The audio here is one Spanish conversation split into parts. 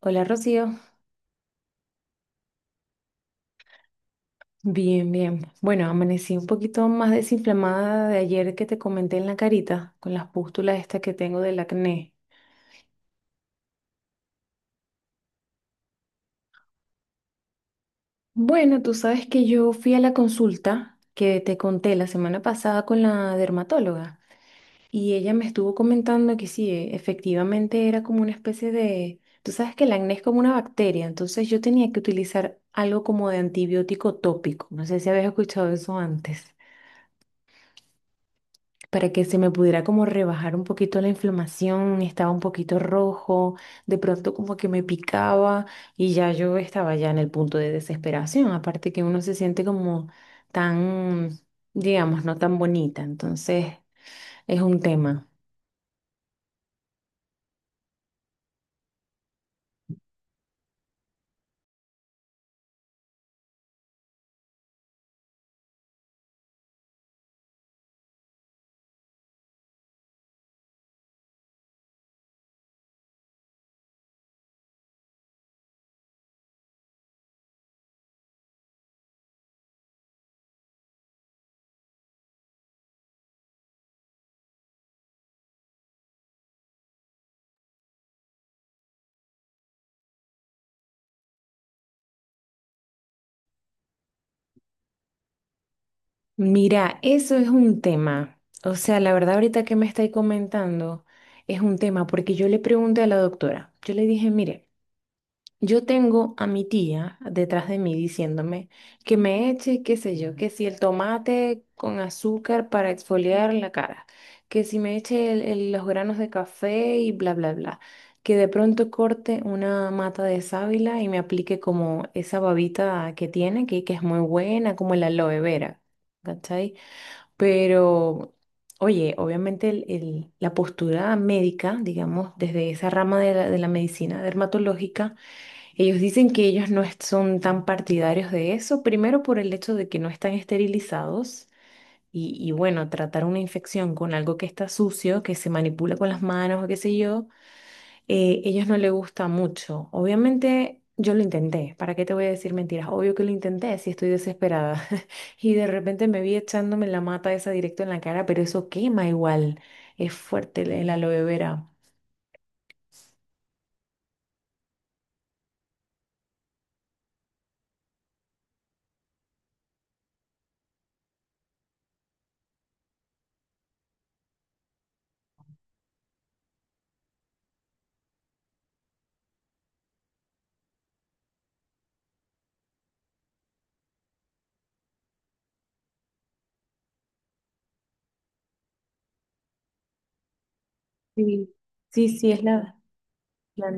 Hola Rocío. Bien, bien. Bueno, amanecí un poquito más desinflamada de ayer que te comenté en la carita, con las pústulas estas que tengo del acné. Bueno, tú sabes que yo fui a la consulta que te conté la semana pasada con la dermatóloga y ella me estuvo comentando que sí, efectivamente era como una especie de... Tú sabes que el acné es como una bacteria, entonces yo tenía que utilizar algo como de antibiótico tópico. No sé si habías escuchado eso antes, para que se me pudiera como rebajar un poquito la inflamación. Estaba un poquito rojo, de pronto como que me picaba y ya yo estaba ya en el punto de desesperación, aparte que uno se siente como tan, digamos, no tan bonita, entonces es un tema. Mira, eso es un tema, o sea, la verdad ahorita que me estáis comentando es un tema, porque yo le pregunté a la doctora, yo le dije, mire, yo tengo a mi tía detrás de mí diciéndome que me eche, qué sé yo, que si el tomate con azúcar para exfoliar la cara, que si me eche los granos de café y bla, bla, bla, que de pronto corte una mata de sábila y me aplique como esa babita que tiene, que es muy buena, como la aloe vera, ¿cachai? Pero, oye, obviamente la postura médica, digamos, desde esa rama de la medicina dermatológica, ellos dicen que ellos no es- son tan partidarios de eso, primero por el hecho de que no están esterilizados y bueno, tratar una infección con algo que está sucio, que se manipula con las manos o qué sé yo, ellos no les gusta mucho. Obviamente yo lo intenté, ¿para qué te voy a decir mentiras? Obvio que lo intenté, si estoy desesperada. Y de repente me vi echándome la mata esa directo en la cara, pero eso quema igual, es fuerte el aloe vera. Sí, sí, sí, es la...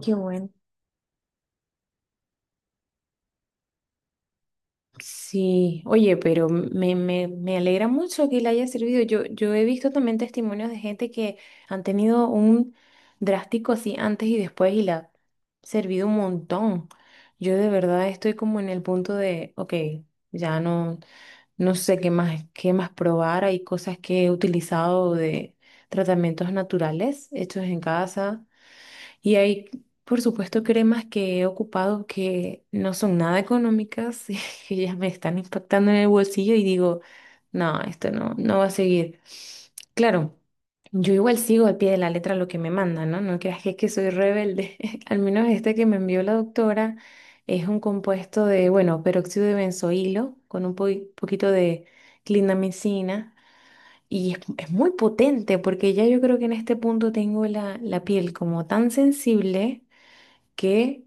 Qué bueno. Sí, oye, pero me alegra mucho que le haya servido. Yo he visto también testimonios de gente que han tenido un drástico así antes y después y le ha servido un montón. Yo de verdad estoy como en el punto de, ok, ya no, no sé qué más probar. Hay cosas que he utilizado de tratamientos naturales hechos en casa y hay, por supuesto, cremas que he ocupado que no son nada económicas, y que ya me están impactando en el bolsillo y digo, no, esto no va a seguir. Claro, yo igual sigo al pie de la letra lo que me mandan, ¿no? No creas que es que soy rebelde. Al menos este que me envió la doctora es un compuesto de, bueno, peróxido de benzoilo con un poquito de clindamicina. Y es muy potente porque ya yo creo que en este punto tengo la piel como tan sensible, que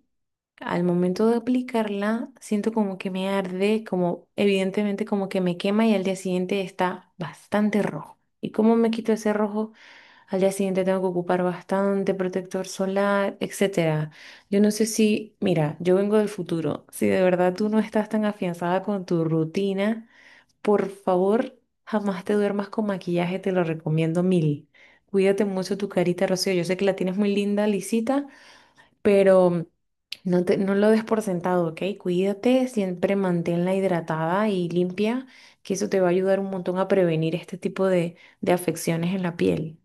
al momento de aplicarla siento como que me arde, como evidentemente como que me quema, y al día siguiente está bastante rojo. ¿Y cómo me quito ese rojo? Al día siguiente tengo que ocupar bastante protector solar, etcétera. Yo no sé si, mira, yo vengo del futuro. Si de verdad tú no estás tan afianzada con tu rutina, por favor, jamás te duermas con maquillaje, te lo recomiendo mil. Cuídate mucho tu carita, Rocío. Yo sé que la tienes muy linda, lisita, pero no lo des por sentado, ¿ok? Cuídate, siempre manténla hidratada y limpia, que eso te va a ayudar un montón a prevenir este tipo de afecciones en la piel.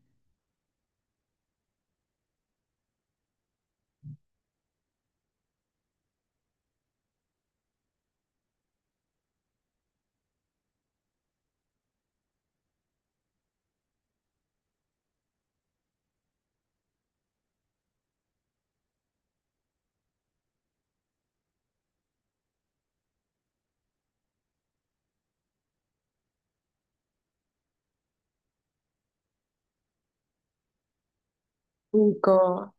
Rico.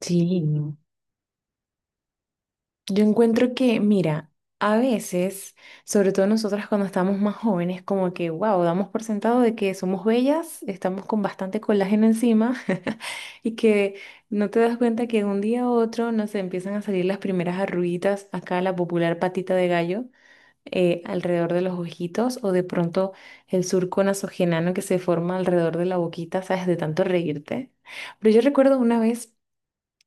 Sí. No. Yo encuentro que, mira, a veces, sobre todo nosotras cuando estamos más jóvenes, como que, wow, damos por sentado de que somos bellas, estamos con bastante colágeno encima y que no te das cuenta que de un día a otro nos empiezan a salir las primeras arruguitas, acá la popular patita de gallo, alrededor de los ojitos o de pronto el surco nasogenano que se forma alrededor de la boquita, ¿sabes? De tanto reírte. Pero yo recuerdo una vez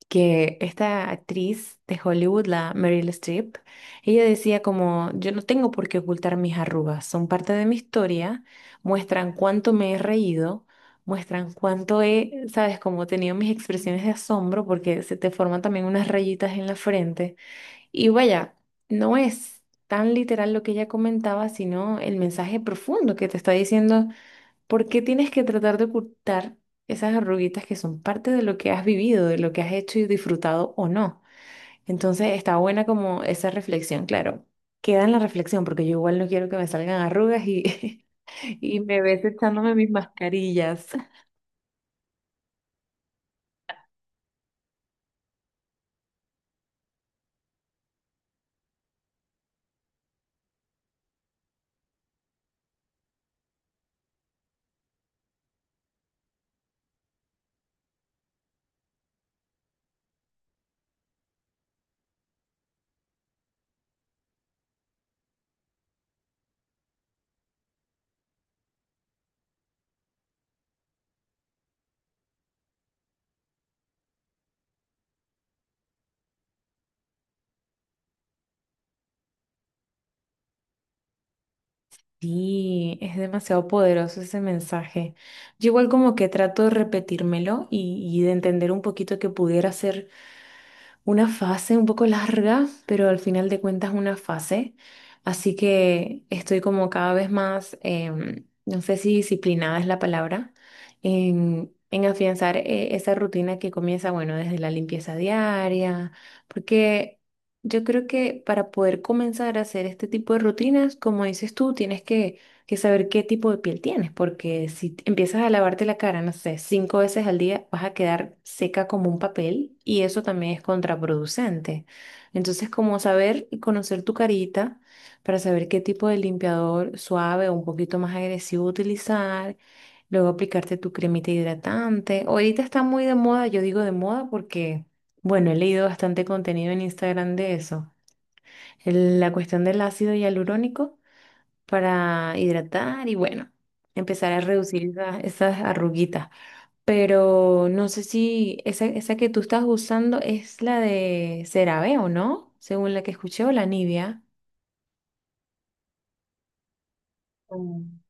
que esta actriz de Hollywood, la Meryl Streep, ella decía como, yo no tengo por qué ocultar mis arrugas, son parte de mi historia, muestran cuánto me he reído, muestran cuánto he, sabes, como tenido mis expresiones de asombro, porque se te forman también unas rayitas en la frente. Y vaya, no es tan literal lo que ella comentaba, sino el mensaje profundo que te está diciendo. ¿Por qué tienes que tratar de ocultar esas arruguitas que son parte de lo que has vivido, de lo que has hecho y disfrutado o no? Entonces está buena como esa reflexión, claro. Queda en la reflexión porque yo igual no quiero que me salgan arrugas, y, y me ves echándome mis mascarillas. Sí, es demasiado poderoso ese mensaje. Yo igual como que trato de repetírmelo y de entender un poquito que pudiera ser una fase un poco larga, pero al final de cuentas una fase. Así que estoy como cada vez más, no sé si disciplinada es la palabra, en afianzar esa rutina que comienza, bueno, desde la limpieza diaria, porque yo creo que para poder comenzar a hacer este tipo de rutinas, como dices tú, tienes que saber qué tipo de piel tienes, porque si empiezas a lavarte la cara, no sé, 5 veces al día, vas a quedar seca como un papel y eso también es contraproducente. Entonces, como saber y conocer tu carita para saber qué tipo de limpiador suave o un poquito más agresivo utilizar, luego aplicarte tu cremita hidratante. Ahorita está muy de moda, yo digo de moda porque, bueno, he leído bastante contenido en Instagram de eso. La cuestión del ácido hialurónico para hidratar y, bueno, empezar a reducir esas arruguitas. Pero no sé si esa que tú estás usando es la de CeraVe o no, según la que escuché, o la Nivea. Mm.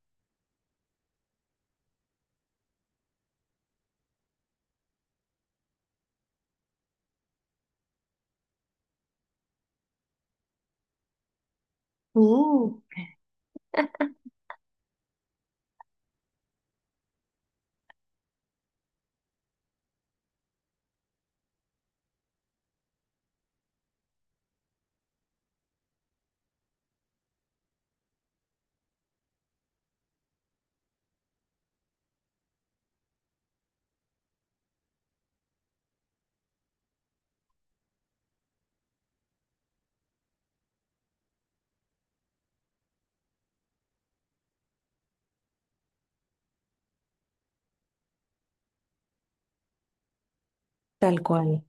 Uh. Tal cual.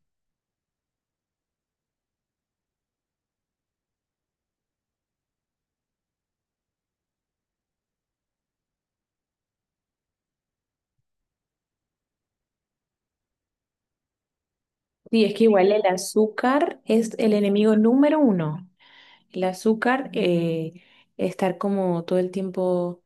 Sí, es que igual el azúcar es el enemigo número uno. El azúcar, estar como todo el tiempo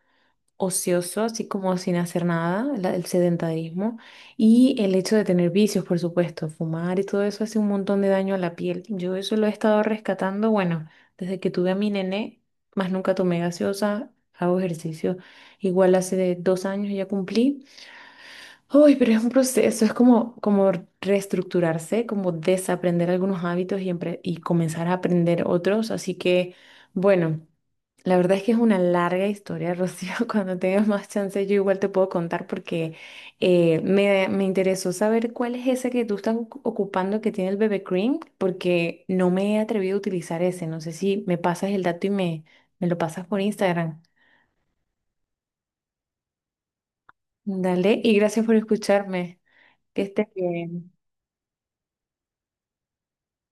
ocioso, así como sin hacer nada, el sedentarismo y el hecho de tener vicios, por supuesto, fumar y todo eso hace un montón de daño a la piel. Yo eso lo he estado rescatando, bueno, desde que tuve a mi nené, más nunca tomé gaseosa, hago ejercicio. Igual hace de 2 años ya cumplí. Uy, pero es un proceso, es como, como reestructurarse, como desaprender algunos hábitos y comenzar a aprender otros. Así que, bueno, la verdad es que es una larga historia, Rocío. Cuando tengas más chance, yo igual te puedo contar, porque me interesó saber cuál es ese que tú estás ocupando que tiene el bebé cream, porque no me he atrevido a utilizar ese. No sé si me pasas el dato y me lo pasas por Instagram. Dale, y gracias por escucharme. Que estés bien.